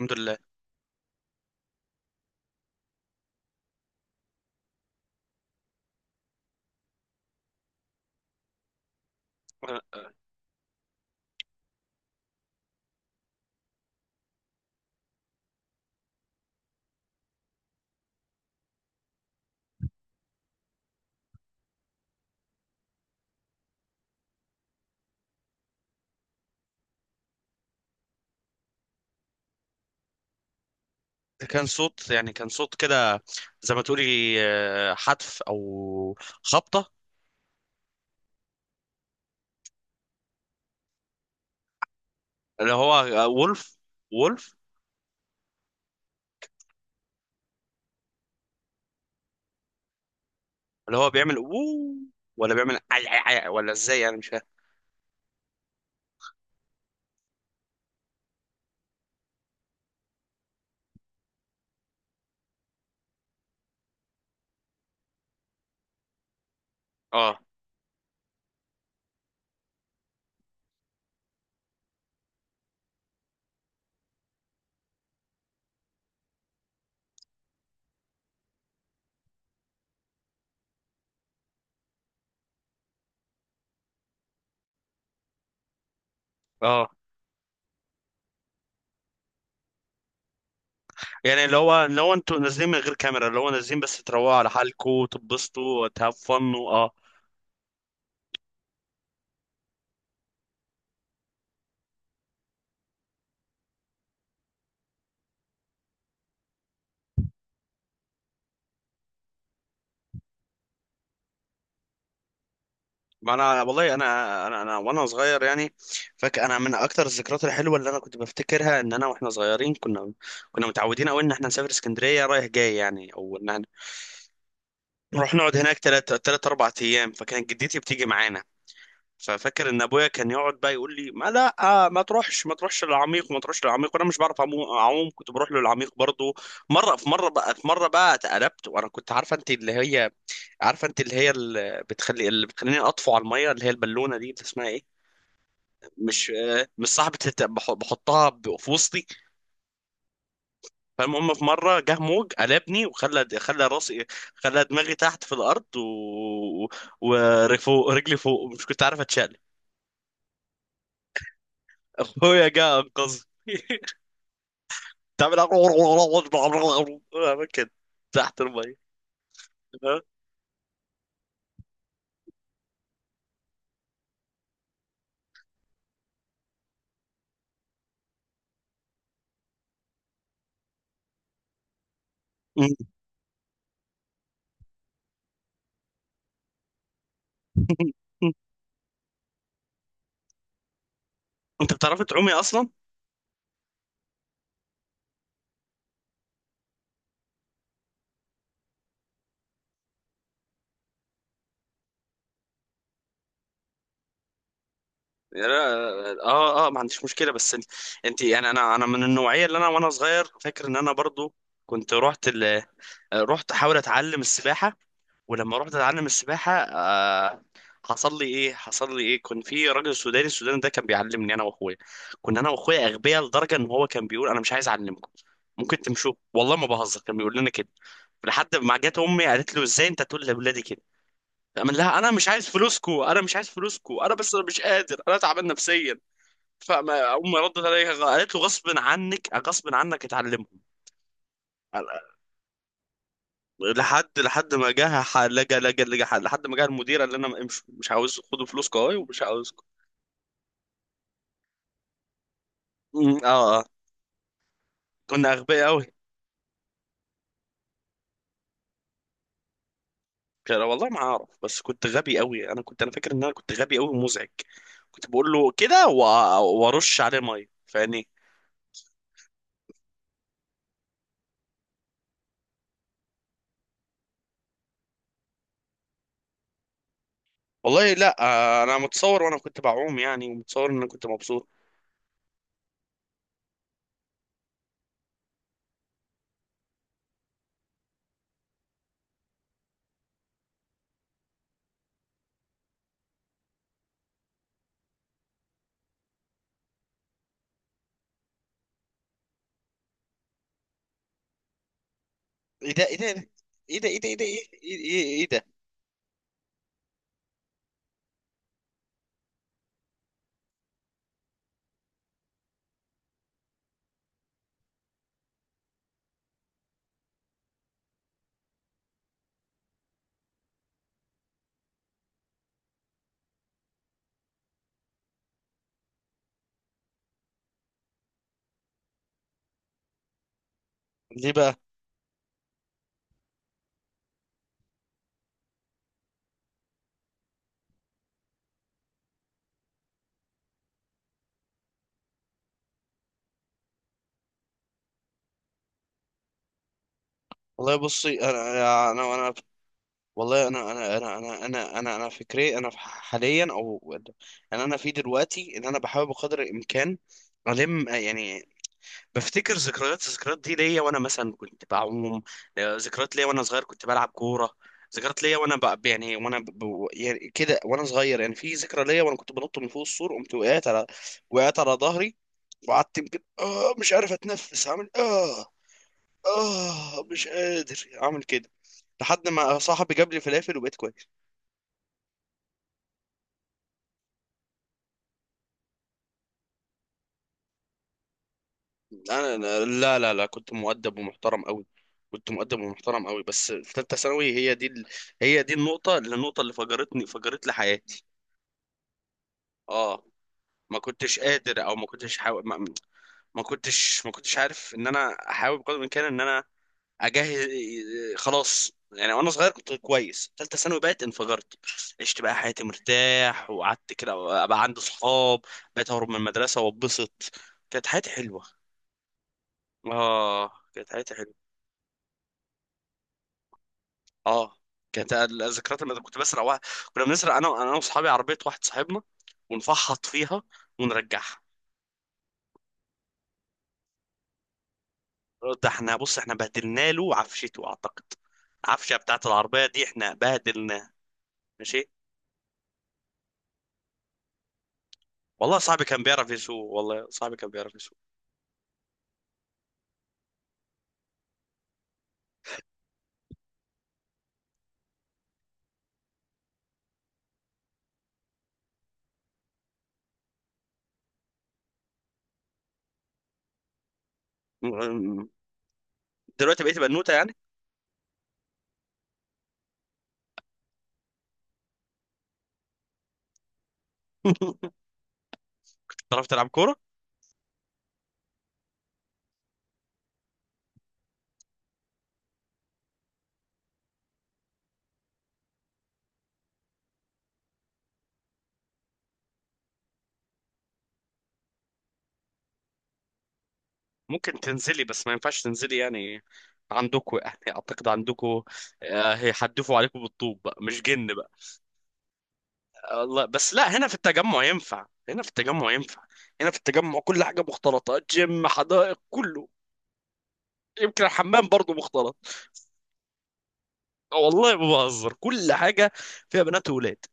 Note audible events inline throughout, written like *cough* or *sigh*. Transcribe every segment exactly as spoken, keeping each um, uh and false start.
الحمد لله. آه، كان صوت، يعني كان صوت كده، زي ما تقولي آه، حتف او خبطه. اللي هو آه، وولف، وولف. اللي هو بيعمل وو، ولا بيعمل عي عي عي، ولا ازاي؟ انا مش فاهم. اه اه. يعني اللي هو اللي هو انتوا نازلين من غير كاميرا، اللي هو نازلين بس تروقوا على حالكم تبسطوا وتهفنوا. اه، ما انا والله انا انا, أنا وانا صغير يعني فاكر، انا من اكتر الذكريات الحلوه اللي انا كنت بفتكرها، ان انا واحنا صغيرين كنا كنا متعودين قوي ان احنا نسافر اسكندريه رايح جاي يعني، او ان احنا نروح نقعد هناك ثلاث ثلاث اربع ايام، فكانت جدتي بتيجي معانا. ففاكر ان ابويا كان يقعد بقى يقول لي: ما لا، آه، ما تروحش، ما تروحش للعميق وما تروحش للعميق، وانا مش بعرف أمو- اعوم، كنت بروح له للعميق برضه. مره في مره بقى في مره بقى اتقلبت، وانا كنت عارفه انت اللي هي عارفه انت اللي هي اللي بتخلي اللي بتخليني اطفو على الميه، اللي هي البالونه دي اللي اسمها ايه، مش آه، مش صاحبة الت- بح- بحطها ب- في وسطي. فالمهم في مرة جه موج قلبني، وخلى خلى راسي، خلى دماغي تحت في الأرض، و... ورجلي فوق، مش كنت عارف أتشال. *laughs* أخويا جه أنقذني. *laughs* تعمل *laughs* أعمل كده تحت المية. ها؟ *laughs* انت بتعرفي تعومي اصلا؟ لا، اه اه، ما عنديش مشكله، بس انت انت يعني، انا انا من النوعيه، اللي انا وانا صغير فاكر ان انا برضو كنت رحت، آه، رحت احاول اتعلم السباحه. ولما رحت اتعلم السباحه، آه، حصل لي ايه، حصل لي ايه كان في راجل سوداني، السوداني ده كان بيعلمني انا واخويا. كنا انا واخويا اغبياء لدرجه ان هو كان بيقول: انا مش عايز اعلمكم، ممكن تمشوا، والله ما بهزر، كان بيقول لنا كده. لحد ما جت امي قالت له: ازاي انت تقول لاولادي كده؟ فقام لها: انا مش عايز فلوسكو، انا مش عايز فلوسكو انا بس انا مش قادر، انا تعبان نفسيا. فما امي ردت عليها قالت له: غصب عنك، غصب عنك اتعلمهم. لحد لحد ما جه ح- لجأ لجأ لجأ ح- لحد ما جه المدير قال لنا: امشوا، مش عاوز، خدوا فلوسكم اهي، ومش عاوزكم. أمم، اه اه، كنا اغبياء قوي. والله ما اعرف، بس كنت غبي قوي، انا كنت انا فاكر ان انا كنت غبي قوي ومزعج. كنت بقول له كده، و- وارش عليه ميه، فاهمني؟ والله لا، آه، انا متصور وانا كنت بعوم يعني، ومتصور ان انا كنت مبسوط. ايه ده، ايه ده ايه ده ايه ده ايه ده ايه ده ايه إيه- إيه ده؟ ليه بقى؟ والله بصي، انا انا انا والله، انا انا انا انا انا انا انا فكري انا حاليا، او انا انا في دلوقتي، ان انا بحاول بقدر الامكان الم يعني بفتكر ذكريات، الذكريات دي ليا وانا مثلا كنت بعوم، آه، ذكريات ليا وانا صغير كنت بلعب كوره، ذكريات ليا وانا ب... يعني وانا ب... ب- يعني كده وانا صغير يعني. في ذكرى ليا وانا كنت بنط من فوق السور، قمت وقعت على، وقعت على ظهري، وقعدت يمكن اه مش عارف اتنفس، عامل اه اه، مش قادر اعمل كده، لحد ما صاحبي جاب لي فلافل وبقيت كويس. انا أنا- لا لا لا، كنت مؤدب ومحترم قوي، كنت مؤدب ومحترم قوي بس في ثالثه ثانوي، هي دي ال... هي دي النقطه اللي النقطه اللي فجرتني، فجرت لي حياتي. اه، ما كنتش قادر، او ما كنتش حاو... ما... ما كنتش ما كنتش عارف ان انا احاول بقدر الامكان ان انا اجهز. خلاص يعني، وانا صغير كنت كويس، ثالثه ثانوي بقت انفجرت. عشت بقى حياتي مرتاح، وقعدت كده، بقى عندي صحاب، بقيت اهرب من المدرسه واتبسط. كانت حياتي حلوه، اه كانت حياتي حلوه. اه، كانت الذكريات اللي كنت بسرق واحد، كنا بنسرق انا انا واصحابي عربيه واحد صاحبنا، ونفحط فيها ونرجعها. ده احنا بص احنا بهدلنا له عفشته اعتقد، العفشه بتاعت العربيه دي احنا بهدلناها. ماشي، والله صاحبي كان بيعرف يسوق، والله صاحبي كان بيعرف يسوق م- م- دلوقتي بقيتي بنوته يعني؟ *laughs* تعرف تلعب كوره؟ ممكن تنزلي، بس ما ينفعش تنزلي يعني، عندكوا يعني اعتقد عندكوا آه، هيحدفوا عليكم بالطوب بقى مش جن بقى. والله بس، لا، هنا في التجمع ينفع، هنا في التجمع ينفع هنا في التجمع كل حاجة مختلطة، جيم، حدائق، كله. يمكن الحمام برضه مختلط، والله ما بهزر، كل حاجة فيها بنات وولاد.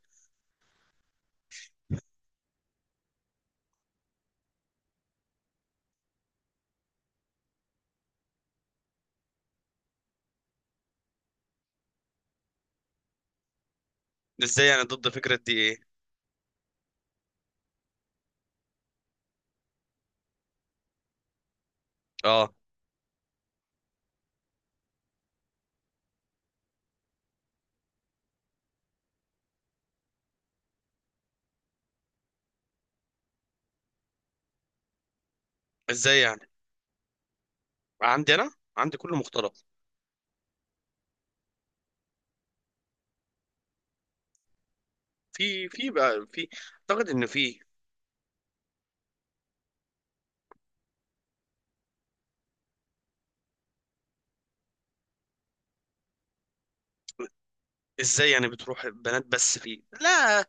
ازاي يعني ضد فكرة دي ايه؟ اه، ازاي يعني؟ عندي انا، عندي كله مختلط. في في بقى في، اعتقد ان في. ازاي يعني بتروح بنات بس فيه؟ لا،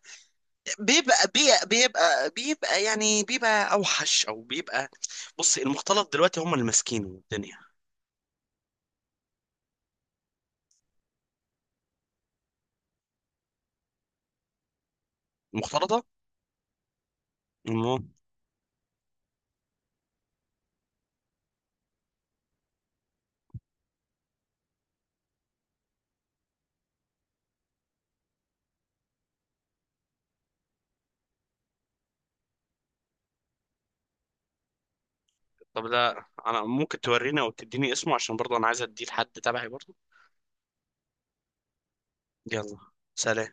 بيبقى بيبقى بيبقى, بيبقى يعني، بيبقى اوحش، او بيبقى. بص، المختلط دلوقتي هم اللي ماسكين الدنيا. المختلطة طب، لا، انا ممكن تورينا وتديني اسمه عشان برضه انا عايز اديه لحد تبعي برضه. يلا. سلام.